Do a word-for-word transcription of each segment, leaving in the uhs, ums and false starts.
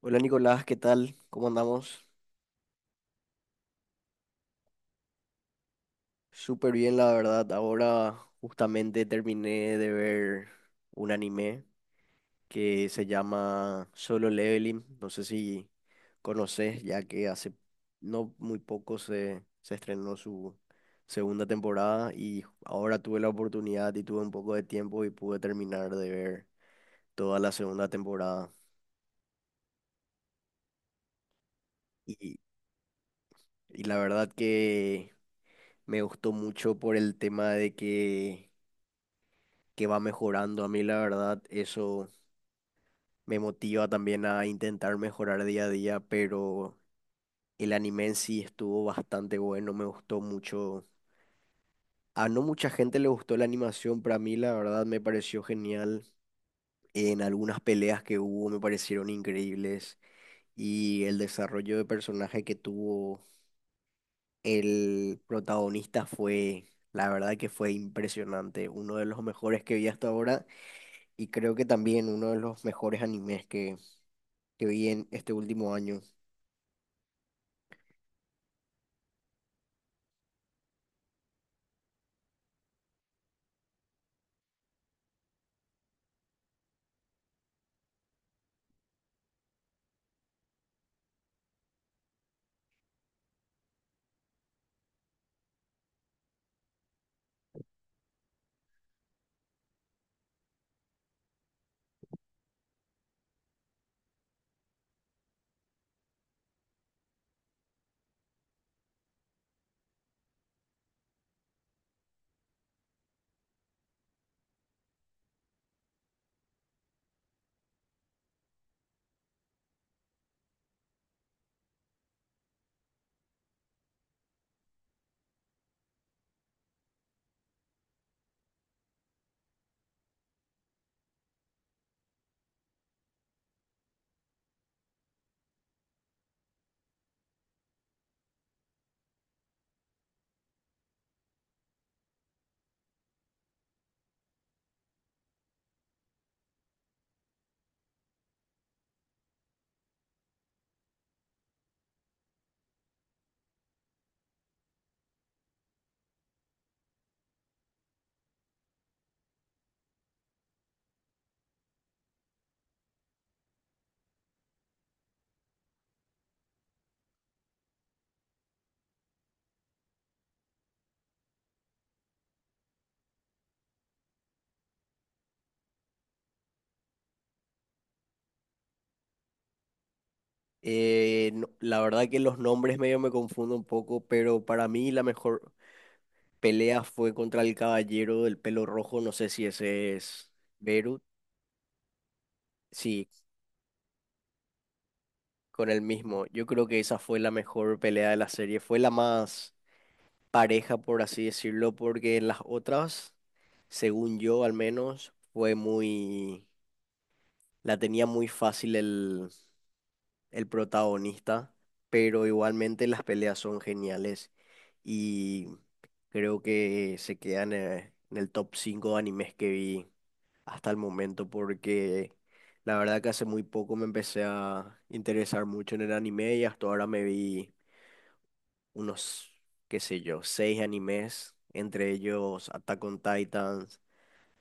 Hola Nicolás, ¿qué tal? ¿Cómo andamos? Súper bien, la verdad. Ahora justamente terminé de ver un anime que se llama Solo Leveling. No sé si conoces, ya que hace no muy poco se, se estrenó su segunda temporada y ahora tuve la oportunidad y tuve un poco de tiempo y pude terminar de ver toda la segunda temporada. Y, y la verdad que me gustó mucho por el tema de que que va mejorando. A mí la verdad eso me motiva también a intentar mejorar día a día, pero el anime en sí estuvo bastante bueno, me gustó mucho. A no mucha gente le gustó la animación, pero a mí la verdad me pareció genial. En algunas peleas que hubo me parecieron increíbles y el desarrollo de personaje que tuvo el protagonista fue, la verdad, que fue impresionante, uno de los mejores que vi hasta ahora. Y creo que también uno de los mejores animes que, que vi en este último año. Eh, no- la verdad que los nombres medio me confundo un poco, pero para mí la mejor pelea fue contra el caballero del pelo rojo, no sé si ese es Beirut. Sí, con el mismo. Yo creo que esa fue la mejor pelea de la serie, fue la más pareja, por así decirlo, porque en las otras, según yo al menos, fue muy. La tenía muy fácil el protagonista, pero igualmente las peleas son geniales y creo que se quedan eh, en el top cinco de animes que vi hasta el momento, porque la verdad que hace muy poco me empecé a interesar mucho en el anime y hasta ahora me vi unos, qué sé yo, seis animes, entre ellos Attack on Titans,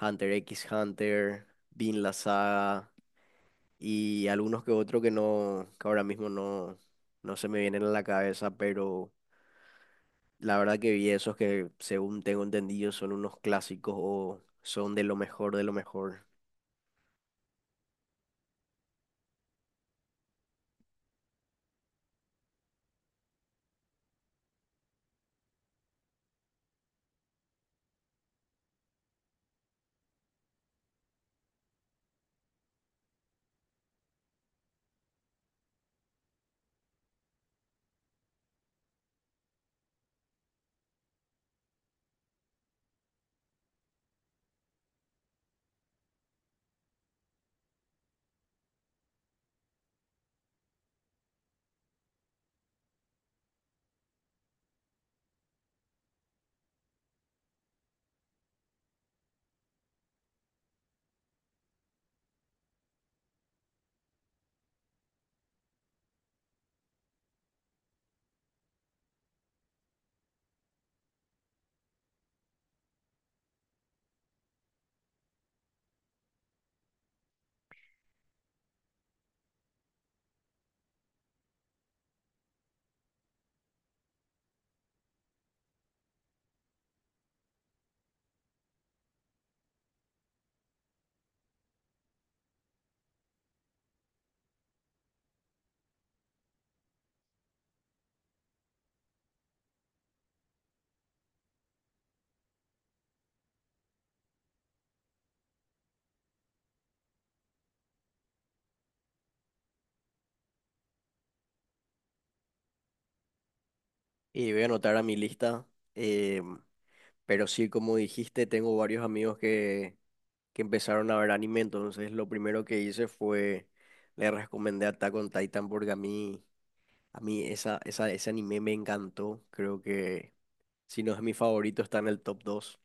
Hunter x Hunter, Vinland Saga y algunos que otros que no, que ahora mismo no, no se me vienen a la cabeza, pero la verdad que vi esos que, según tengo entendido, son unos clásicos o son de lo mejor de lo mejor. Y voy a anotar a mi lista, eh, pero sí, como dijiste, tengo varios amigos que, que empezaron a ver anime, entonces lo primero que hice fue, le recomendé Attack on Titan, porque a mí, a mí esa, esa, ese anime me encantó, creo que. Si no es mi favorito, está en el top dos,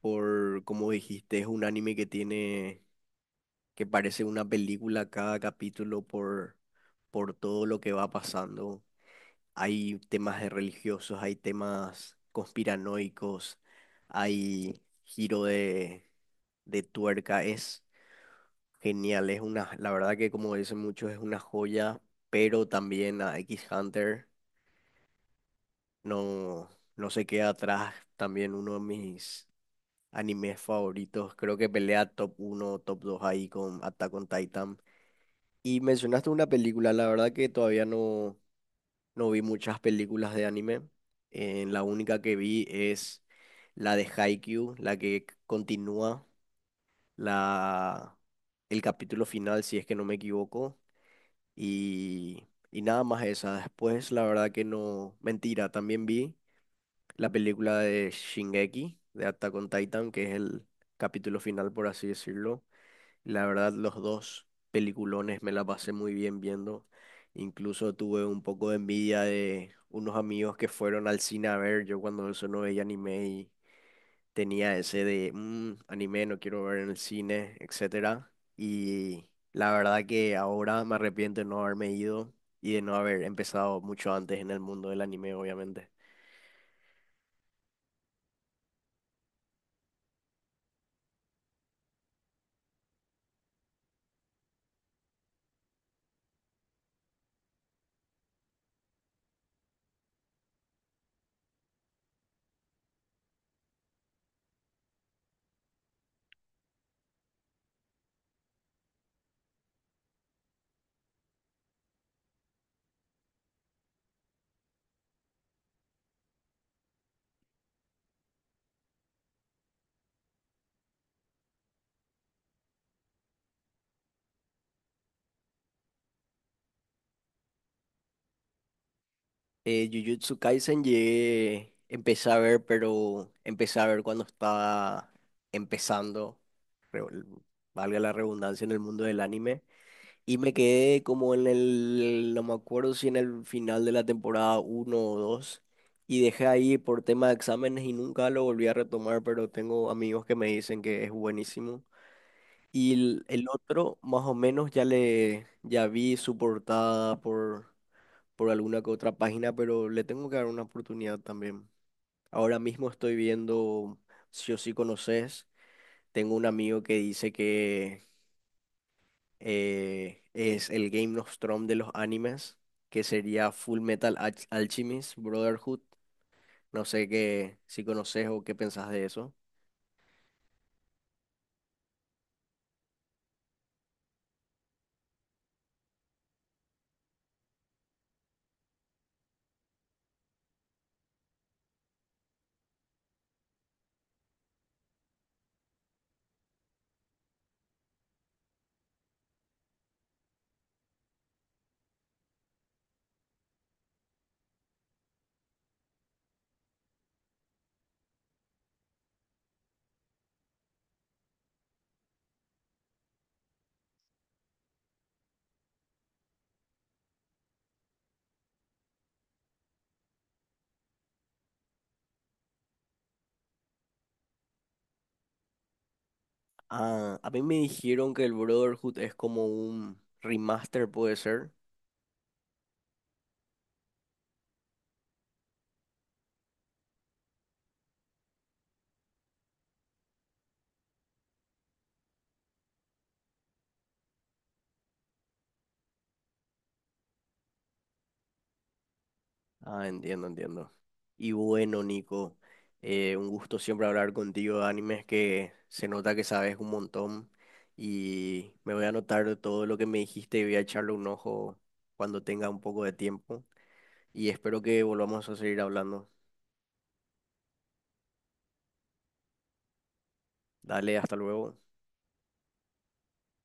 por, como dijiste, es un anime que tiene, que parece una película cada capítulo por, por todo lo que va pasando. Hay temas de religiosos, hay temas conspiranoicos, hay giro de, de, tuerca. Es genial, es una, la verdad que como dicen muchos, es una joya, pero también a X Hunter no, no se queda atrás. También uno de mis animes favoritos, creo que pelea top uno, top dos ahí con Attack on Titan. Y mencionaste una película, la verdad que todavía no, no vi muchas películas de anime. Eh, la única que vi es la de Haikyuu, la que continúa la, el capítulo final, si es que no me equivoco. Y, y nada más esa. Después, la verdad que no. Mentira, también vi la película de Shingeki, de Attack on Titan, que es el capítulo final, por así decirlo. La verdad, los dos peliculones me la pasé muy bien viendo. Incluso tuve un poco de envidia de unos amigos que fueron al cine a ver. Yo cuando eso no veía anime y tenía ese de "Mm, anime no quiero ver en el cine, etcétera". Y la verdad que ahora me arrepiento de no haberme ido y de no haber empezado mucho antes en el mundo del anime, obviamente. Eh, Jujutsu Kaisen llegué, empecé a ver, pero empecé a ver cuando estaba empezando. re- Valga la redundancia, en el mundo del anime. Y me quedé como en el, no me acuerdo si en el final de la temporada uno o dos. Y dejé ahí por tema de exámenes y nunca lo volví a retomar, pero tengo amigos que me dicen que es buenísimo. Y el, el otro, más o menos, ya le, ya vi su portada por, por alguna que otra página, pero le tengo que dar una oportunidad también. Ahora mismo estoy viendo, si o si conoces, tengo un amigo que dice que eh, es el Game of Thrones de los animes, que sería Full Metal Alch- Alchemist Brotherhood. No sé qué, si conoces o qué pensás de eso. Ah, a mí me dijeron que el Brotherhood es como un remaster, puede ser. Ah, entiendo, entiendo. Y bueno, Nico, eh, un gusto siempre hablar contigo de animes, que se nota que sabes un montón. Y me voy a anotar todo lo que me dijiste y voy a echarle un ojo cuando tenga un poco de tiempo. Y espero que volvamos a seguir hablando. Dale, hasta luego.